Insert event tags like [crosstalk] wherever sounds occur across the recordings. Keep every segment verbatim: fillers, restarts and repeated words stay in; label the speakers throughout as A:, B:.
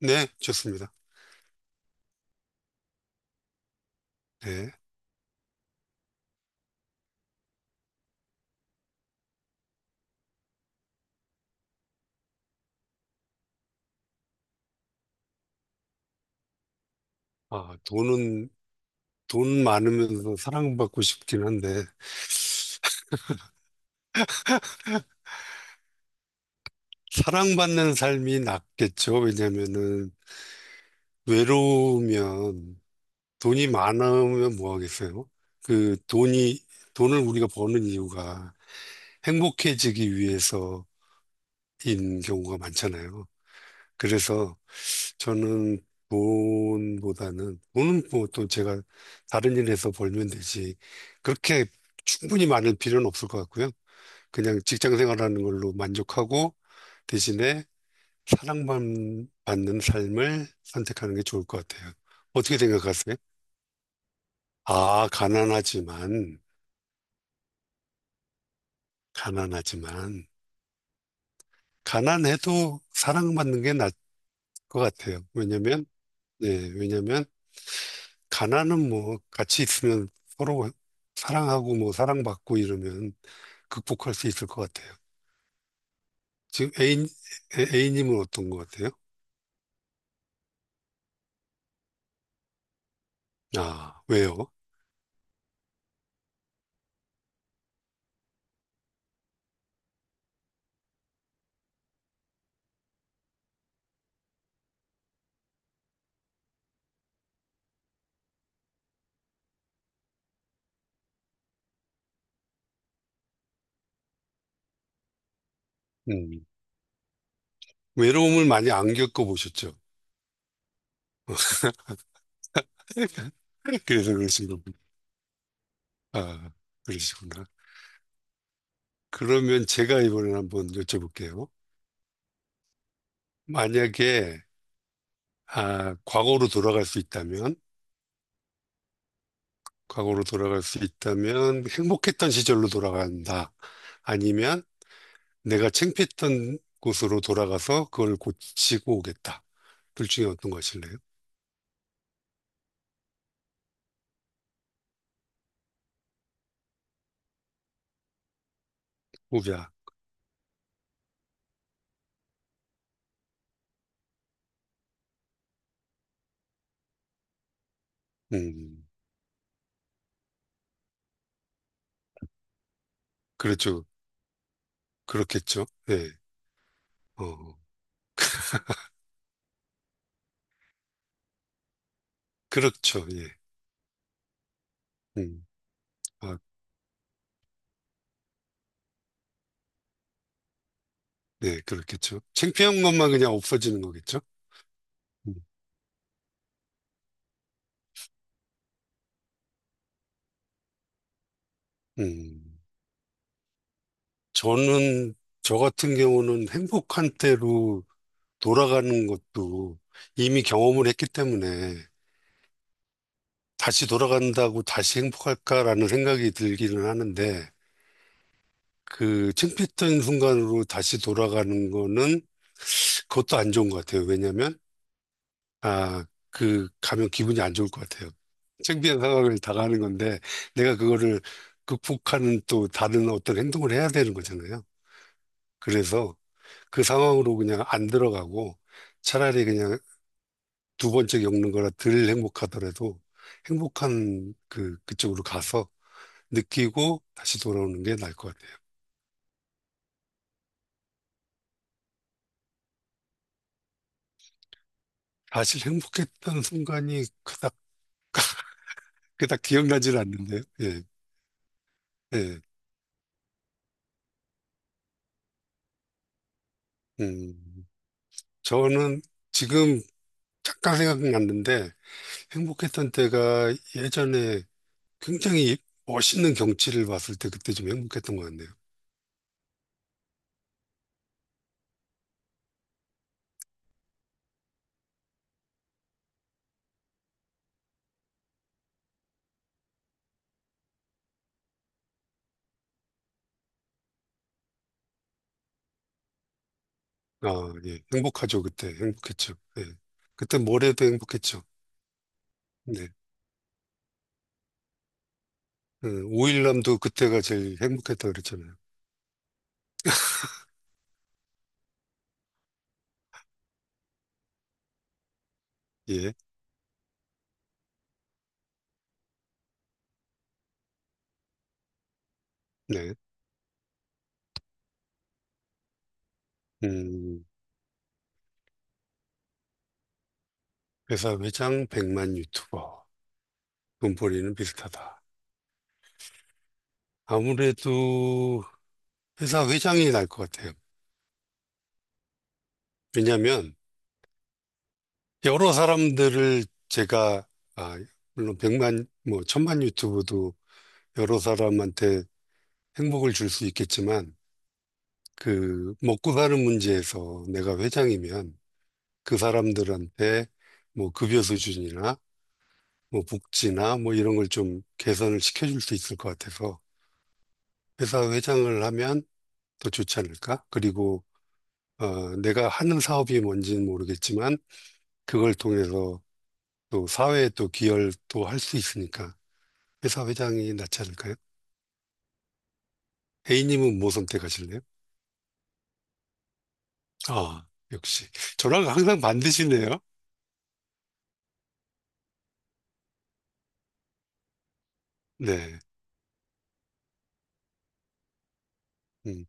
A: 네, 좋습니다. 네. 아, 돈은, 돈 많으면서 사랑받고 싶긴 한데, 사랑받는 삶이 낫겠죠. 왜냐면은, 외로우면, 돈이 많으면 뭐 하겠어요? 그 돈이, 돈을 우리가 버는 이유가 행복해지기 위해서인 경우가 많잖아요. 그래서 저는 돈보다는, 돈은 뭐 또 제가 다른 일에서 벌면 되지, 그렇게 충분히 많을 필요는 없을 것 같고요. 그냥 직장 생활하는 걸로 만족하고 대신에 사랑만 받는 삶을 선택하는 게 좋을 것 같아요. 어떻게 생각하세요? 아, 가난하지만, 가난하지만, 가난해도 사랑받는 게 나을 것 같아요. 왜냐면, 예, 왜냐면, 가난은 뭐, 같이 있으면 서로 사랑하고 뭐, 사랑받고 이러면 극복할 수 있을 것 같아요. 지금 애인, 애- A님은 어떤 것 같아요? 아, 왜요? 음. 외로움을 많이 안 겪어보셨죠? [laughs] 그래서 그러신 겁니다. 아, 그러시구나. 그러면 제가 이번에 한번 여쭤볼게요. 만약에, 아, 과거로 돌아갈 수 있다면, 과거로 돌아갈 수 있다면, 행복했던 시절로 돌아간다. 아니면, 내가 창피했던 곳으로 돌아가서 그걸 고치고 오겠다. 둘 중에 어떤 것일래요? 후자. 음, 그렇죠. 그렇겠죠. 예. 어, 그렇죠. 예. 음, 아, 네, 그렇겠죠. 창피한 것만 그냥 없어지는 거겠죠. 음, 음. 저는, 저 같은 경우는 행복한 때로 돌아가는 것도 이미 경험을 했기 때문에 다시 돌아간다고 다시 행복할까라는 생각이 들기는 하는데 그 창피했던 순간으로 다시 돌아가는 거는 그것도 안 좋은 것 같아요. 왜냐면 아, 그, 가면 기분이 안 좋을 것 같아요. 창피한 상황을 당하는 건데, 내가 그거를 극복하는 또 다른 어떤 행동을 해야 되는 거잖아요. 그래서 그 상황으로 그냥 안 들어가고, 차라리 그냥 두 번째 겪는 거라 덜 행복하더라도, 행복한 그, 그쪽으로 가서 느끼고 다시 돌아오는 게 나을 것 같아요. 사실 행복했던 순간이 그닥, 그닥 기억나질 않는데요. 예, 예. 음, 저는 지금 잠깐 생각났는데, 행복했던 때가 예전에 굉장히 멋있는 경치를 봤을 때 그때 좀 행복했던 것 같네요. 아, 예. 행복하죠, 그때. 행복했죠. 예. 그때 모레도 행복했죠. 네. 음, 오일남도 그때가 제일 행복했다 그랬잖아요. 예. 네. 음, 회사 회장 백만 유튜버. 돈벌이는 비슷하다. 아무래도 회사 회장이 날 것 같아요. 왜냐면 하 여러 사람들을 제가, 아, 물론 백만, 뭐, 천만 유튜브도 여러 사람한테 행복을 줄 수 있겠지만 그 먹고 사는 문제에서 내가 회장이면 그 사람들한테 뭐 급여 수준이나 뭐 복지나 뭐 이런 걸 좀 개선을 시켜줄 수 있을 것 같아서 회사 회장을 하면 더 좋지 않을까? 그리고 어, 내가 하는 사업이 뭔지는 모르겠지만 그걸 통해서 또 사회에 또 기여를 또 할 수 있으니까 회사 회장이 낫지 않을까요? A님은 뭐 선택하실래요? 아, 역시. 저랑 항상 반드시네요. 네. 음,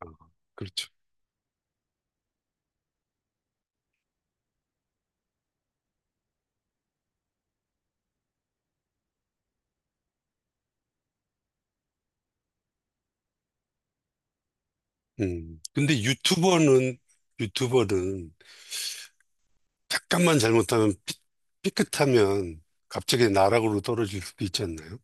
A: 아, 그렇죠. 음. 근데 유튜버는, 유튜버는 잠깐만 잘못하면, 삐, 삐끗하면 갑자기 나락으로 떨어질 수도 있지 않나요?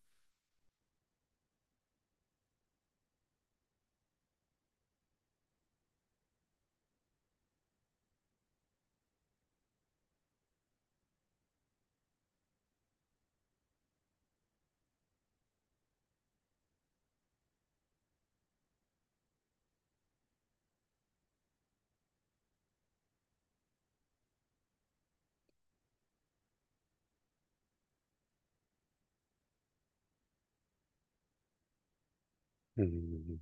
A: 음,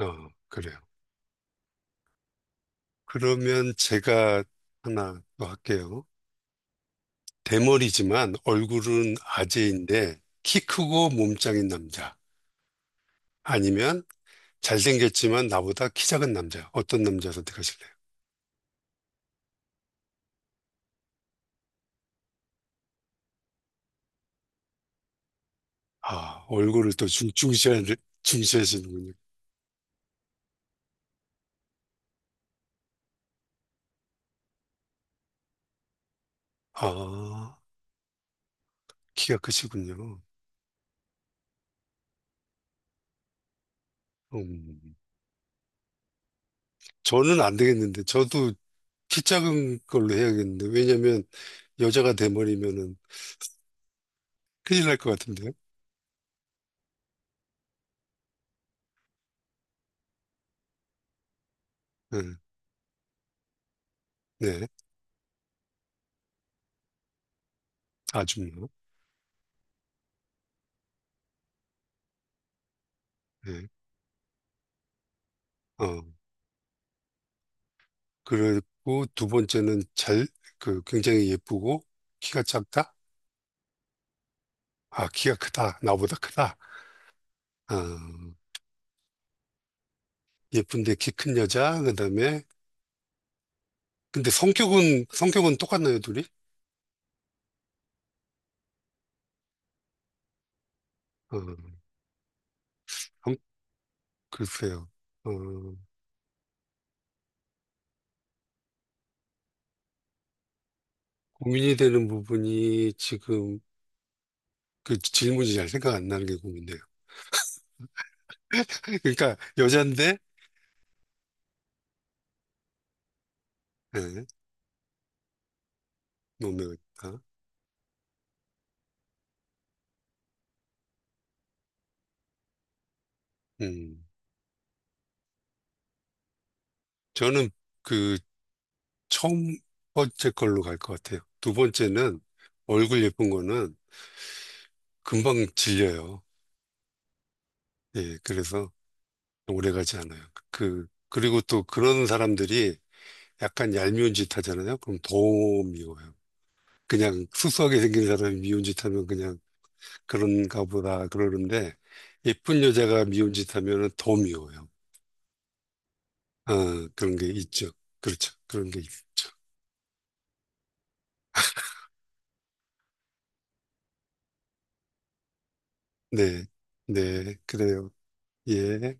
A: 아, 그래요. 그러면 제가 하나 더 할게요. 대머리지만 얼굴은 아재인데 키 크고 몸짱인 남자. 아니면 잘생겼지만 나보다 키 작은 남자. 어떤 남자 선택하실래요? 아, 얼굴을 또 중, 중시하, 중시하시는군요. 아, 키가 크시군요. 음, 저는 안 되겠는데, 저도 키 작은 걸로 해야겠는데, 왜냐면 여자가 돼버리면은 큰일 날 것 같은데요. 네, 네, 아줌마. 네, 어, 그리고 두 번째는 잘, 그, 굉장히 예쁘고, 키가 작다? 아, 키가 크다. 나보다 크다. 아, 예쁜데 키 큰 여자, 그 다음에, 근데 성격은, 성격은 똑같나요, 둘이? 어, 한- 글쎄요. 어, 고민이 되는 부분이 지금 그 질문이 잘 생각 안 나는 게 고민돼요. [laughs] 그러니까 여잔데 예, 몸매가 있다. 음, 저는 그 처음 번째 걸로 갈 것 같아요. 두 번째는 얼굴 예쁜 거는 금방 질려요. 예, 그래서 오래 가지 않아요. 그 그리고 또 그런 사람들이 약간 얄미운 짓 하잖아요. 그럼 더 미워요. 그냥 수수하게 생긴 사람이 미운 짓 하면 그냥 그런가 보다 그러는데 예쁜 여자가 미운 짓 하면은 더 미워요. 아, 그런 게 있죠. 그렇죠. 그런 게 있죠. 네. 네. 그래요. 예.